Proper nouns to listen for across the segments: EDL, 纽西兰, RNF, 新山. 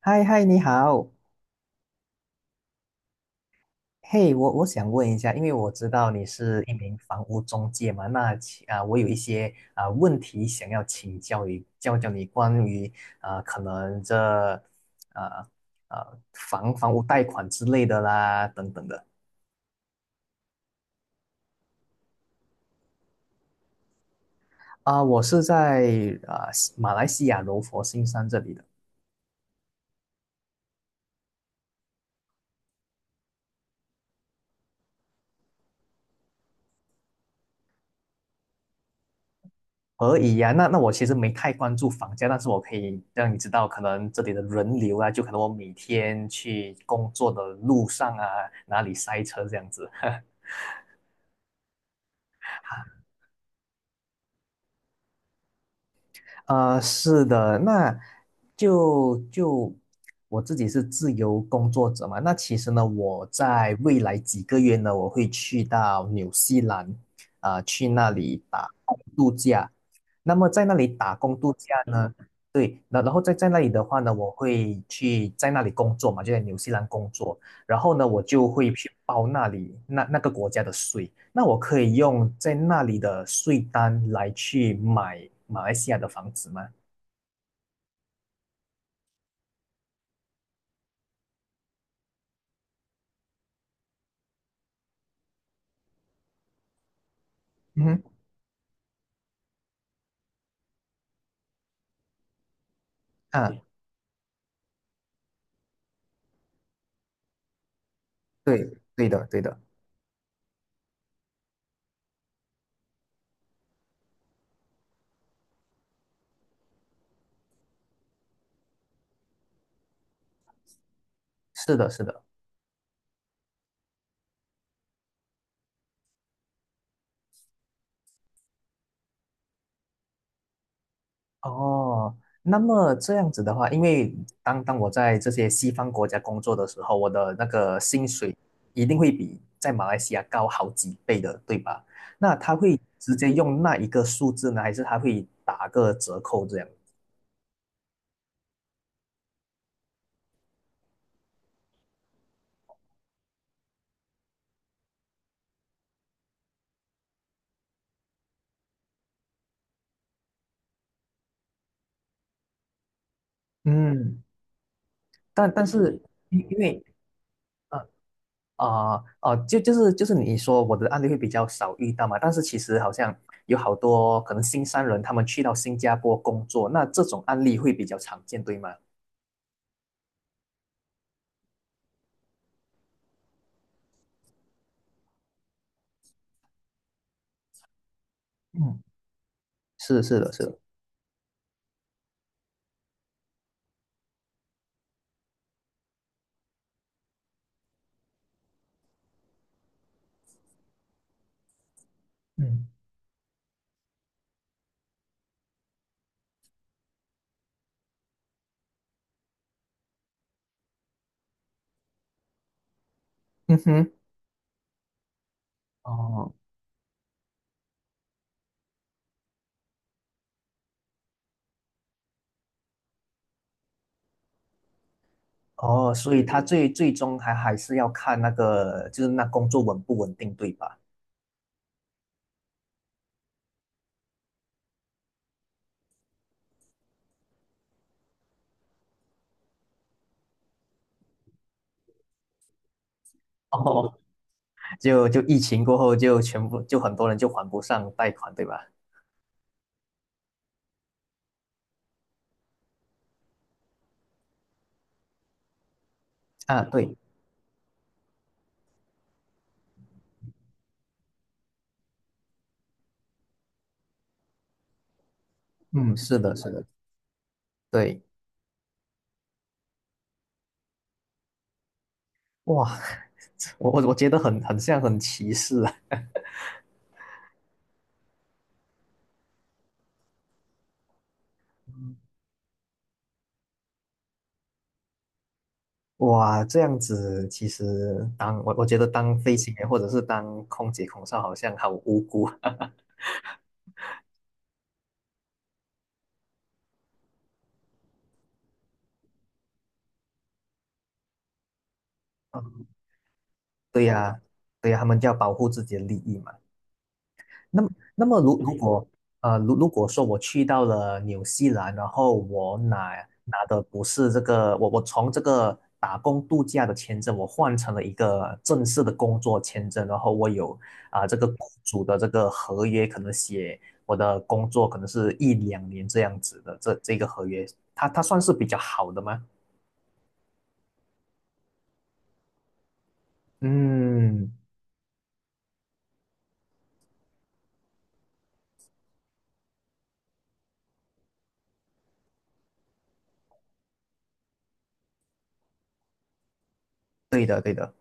嗨嗨，你好，嘿，我想问一下，因为我知道你是一名房屋中介嘛，那我有一些问题想要请教你，关于啊、可能这啊啊房房屋贷款之类的啦，等等的。我是在马来西亚柔佛新山这里的。而已呀，那我其实没太关注房价，但是我可以让你知道，可能这里的人流啊，就可能我每天去工作的路上啊，哪里塞车这样子。啊，是的，那就我自己是自由工作者嘛，那其实呢，我在未来几个月呢，我会去到纽西兰，去那里打度假。那么在那里打工度假呢？对，那然后在那里的话呢，我会去在那里工作嘛，就在纽西兰工作。然后呢，我就会去报那里那个国家的税。那我可以用在那里的税单来去买马来西亚的房子吗？嗯哼，啊，对，对的，对的，是的，是的。哦，那么这样子的话，因为当我在这些西方国家工作的时候，我的那个薪水一定会比在马来西亚高好几倍的，对吧？那他会直接用那一个数字呢，还是他会打个折扣这样？嗯，但是因因为呃啊哦，就是你说我的案例会比较少遇到嘛，但是其实好像有好多可能新三轮他们去到新加坡工作，那这种案例会比较常见，对吗？嗯。是的，是的，是的。嗯，嗯哼，哦，哦，所以他最终还是要看那个，就是那工作稳不稳定，对吧？哦，就疫情过后，就全部就很多人就还不上贷款，对吧？啊，对，嗯，是的，是的，对，哇，我觉得很像很歧视啊，哇，这样子其实当我觉得当飞行员或者是当空姐空少好像好无辜，对呀，对呀，他们就要保护自己的利益嘛。那么，那么，如果如果说我去到了纽西兰，然后我拿的不是这个，我从这个打工度假的签证，我换成了一个正式的工作签证，然后我有这个雇主的这个合约，可能写我的工作可能是一两年这样子的，这个合约，它算是比较好的吗？嗯，对的，对的。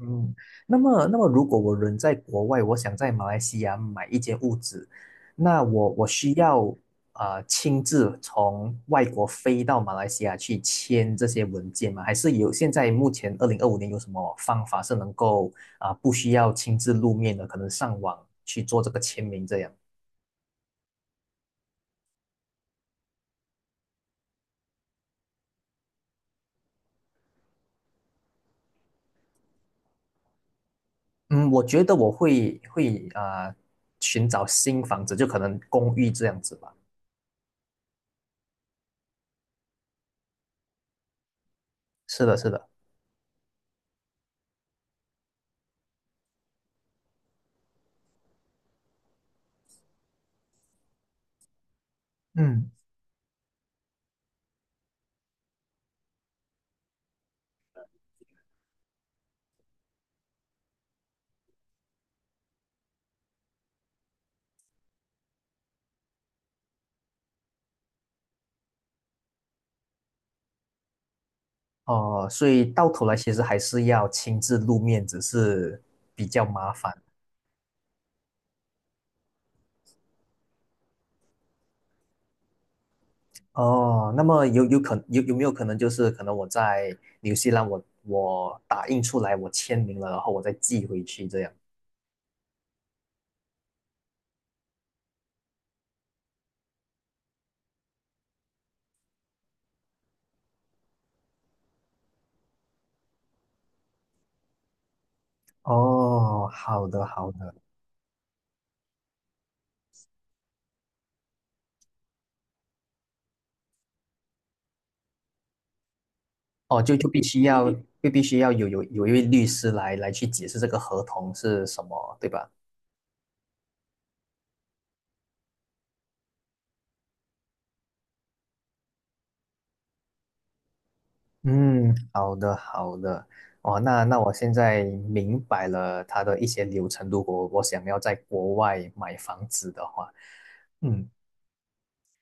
嗯，那么，如果我人在国外，我想在马来西亚买一间屋子，那我需要亲自从外国飞到马来西亚去签这些文件吗？还是有现在目前2025年有什么方法是能够不需要亲自露面的，可能上网去做这个签名这样？嗯，我觉得我会寻找新房子，就可能公寓这样子吧。是的，是的，嗯。哦，所以到头来其实还是要亲自露面，只是比较麻烦。哦，那么有没有可能就是可能我在纽西兰我打印出来我签名了，然后我再寄回去这样？哦，好的，好的。哦，就就必须要就必须要有一位律师来去解释这个合同是什么，对吧？嗯，好的，好的，哦，那我现在明白了它的一些流程。如果我想要在国外买房子的话，嗯，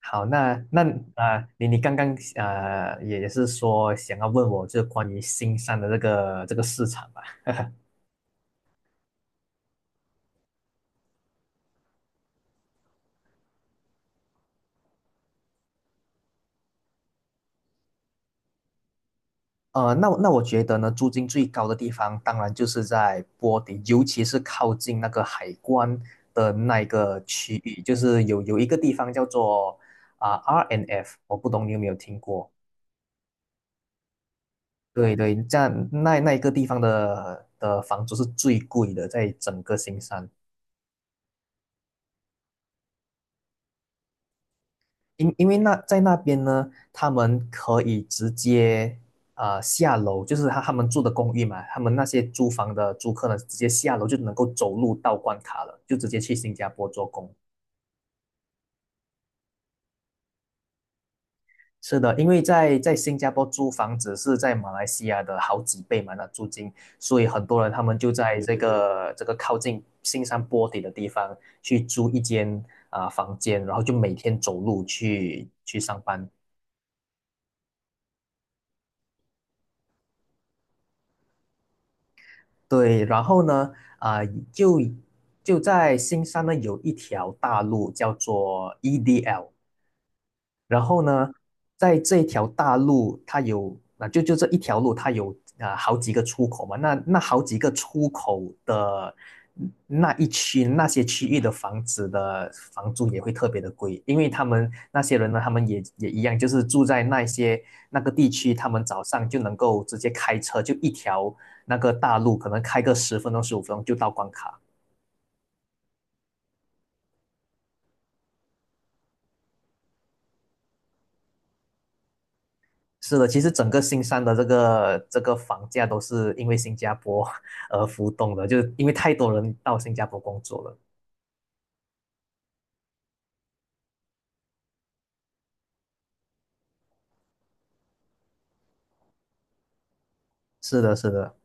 好，那你刚刚也是说想要问我，就是关于新山的这个市场吧。那我觉得呢，租金最高的地方当然就是在波迪，尤其是靠近那个海关的那一个区域，就是有一个地方叫做RNF，我不懂你有没有听过？对，对，这样那一个地方的房租是最贵的，在整个新山。因为那在那边呢，他们可以直接下楼，就是他们住的公寓嘛，他们那些租房的租客呢，直接下楼就能够走路到关卡了，就直接去新加坡做工。是的，因为在新加坡租房子是在马来西亚的好几倍嘛，那租金，所以很多人他们就在这个靠近新山坡底的地方去租一间房间，然后就每天走路去上班。对，然后呢，啊、就就在新山呢有一条大路叫做 EDL，然后呢，在这条大路，它有啊，就这一条路，它有啊好几个出口嘛。那好几个出口的那一区那些区域的房子的房租也会特别的贵，因为他们那些人呢，他们也一样，就是住在那个地区，他们早上就能够直接开车，就一条那个大路，可能开个10分钟15分钟就到关卡。是的，其实整个新山的这个房价都是因为新加坡 而浮动的，就因为太多人到新加坡工作了。是的，是的，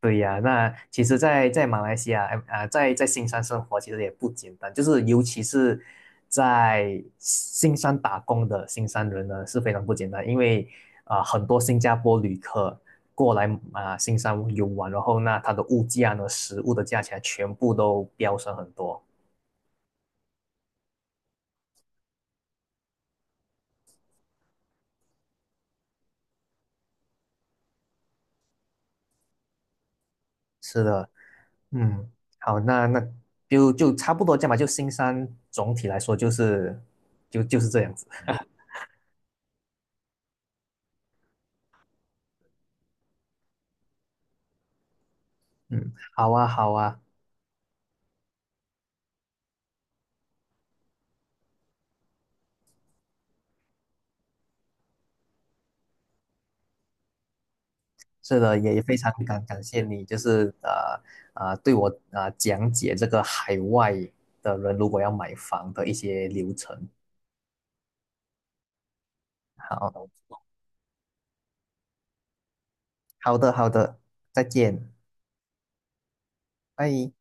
对呀。那其实在，在马来西亚，在新山生活其实也不简单，就是尤其是在新山打工的新山人呢是非常不简单，因为很多新加坡旅客过来新山游玩，然后那它的物价呢，食物的价钱全部都飙升很多。是的。嗯，好，那就差不多这样吧。就新山总体来说就是这样子。嗯，好啊，好啊，是的，也非常感谢你，就是对我讲解这个海外的人如果要买房的一些流程。好，好的，好的，再见，拜。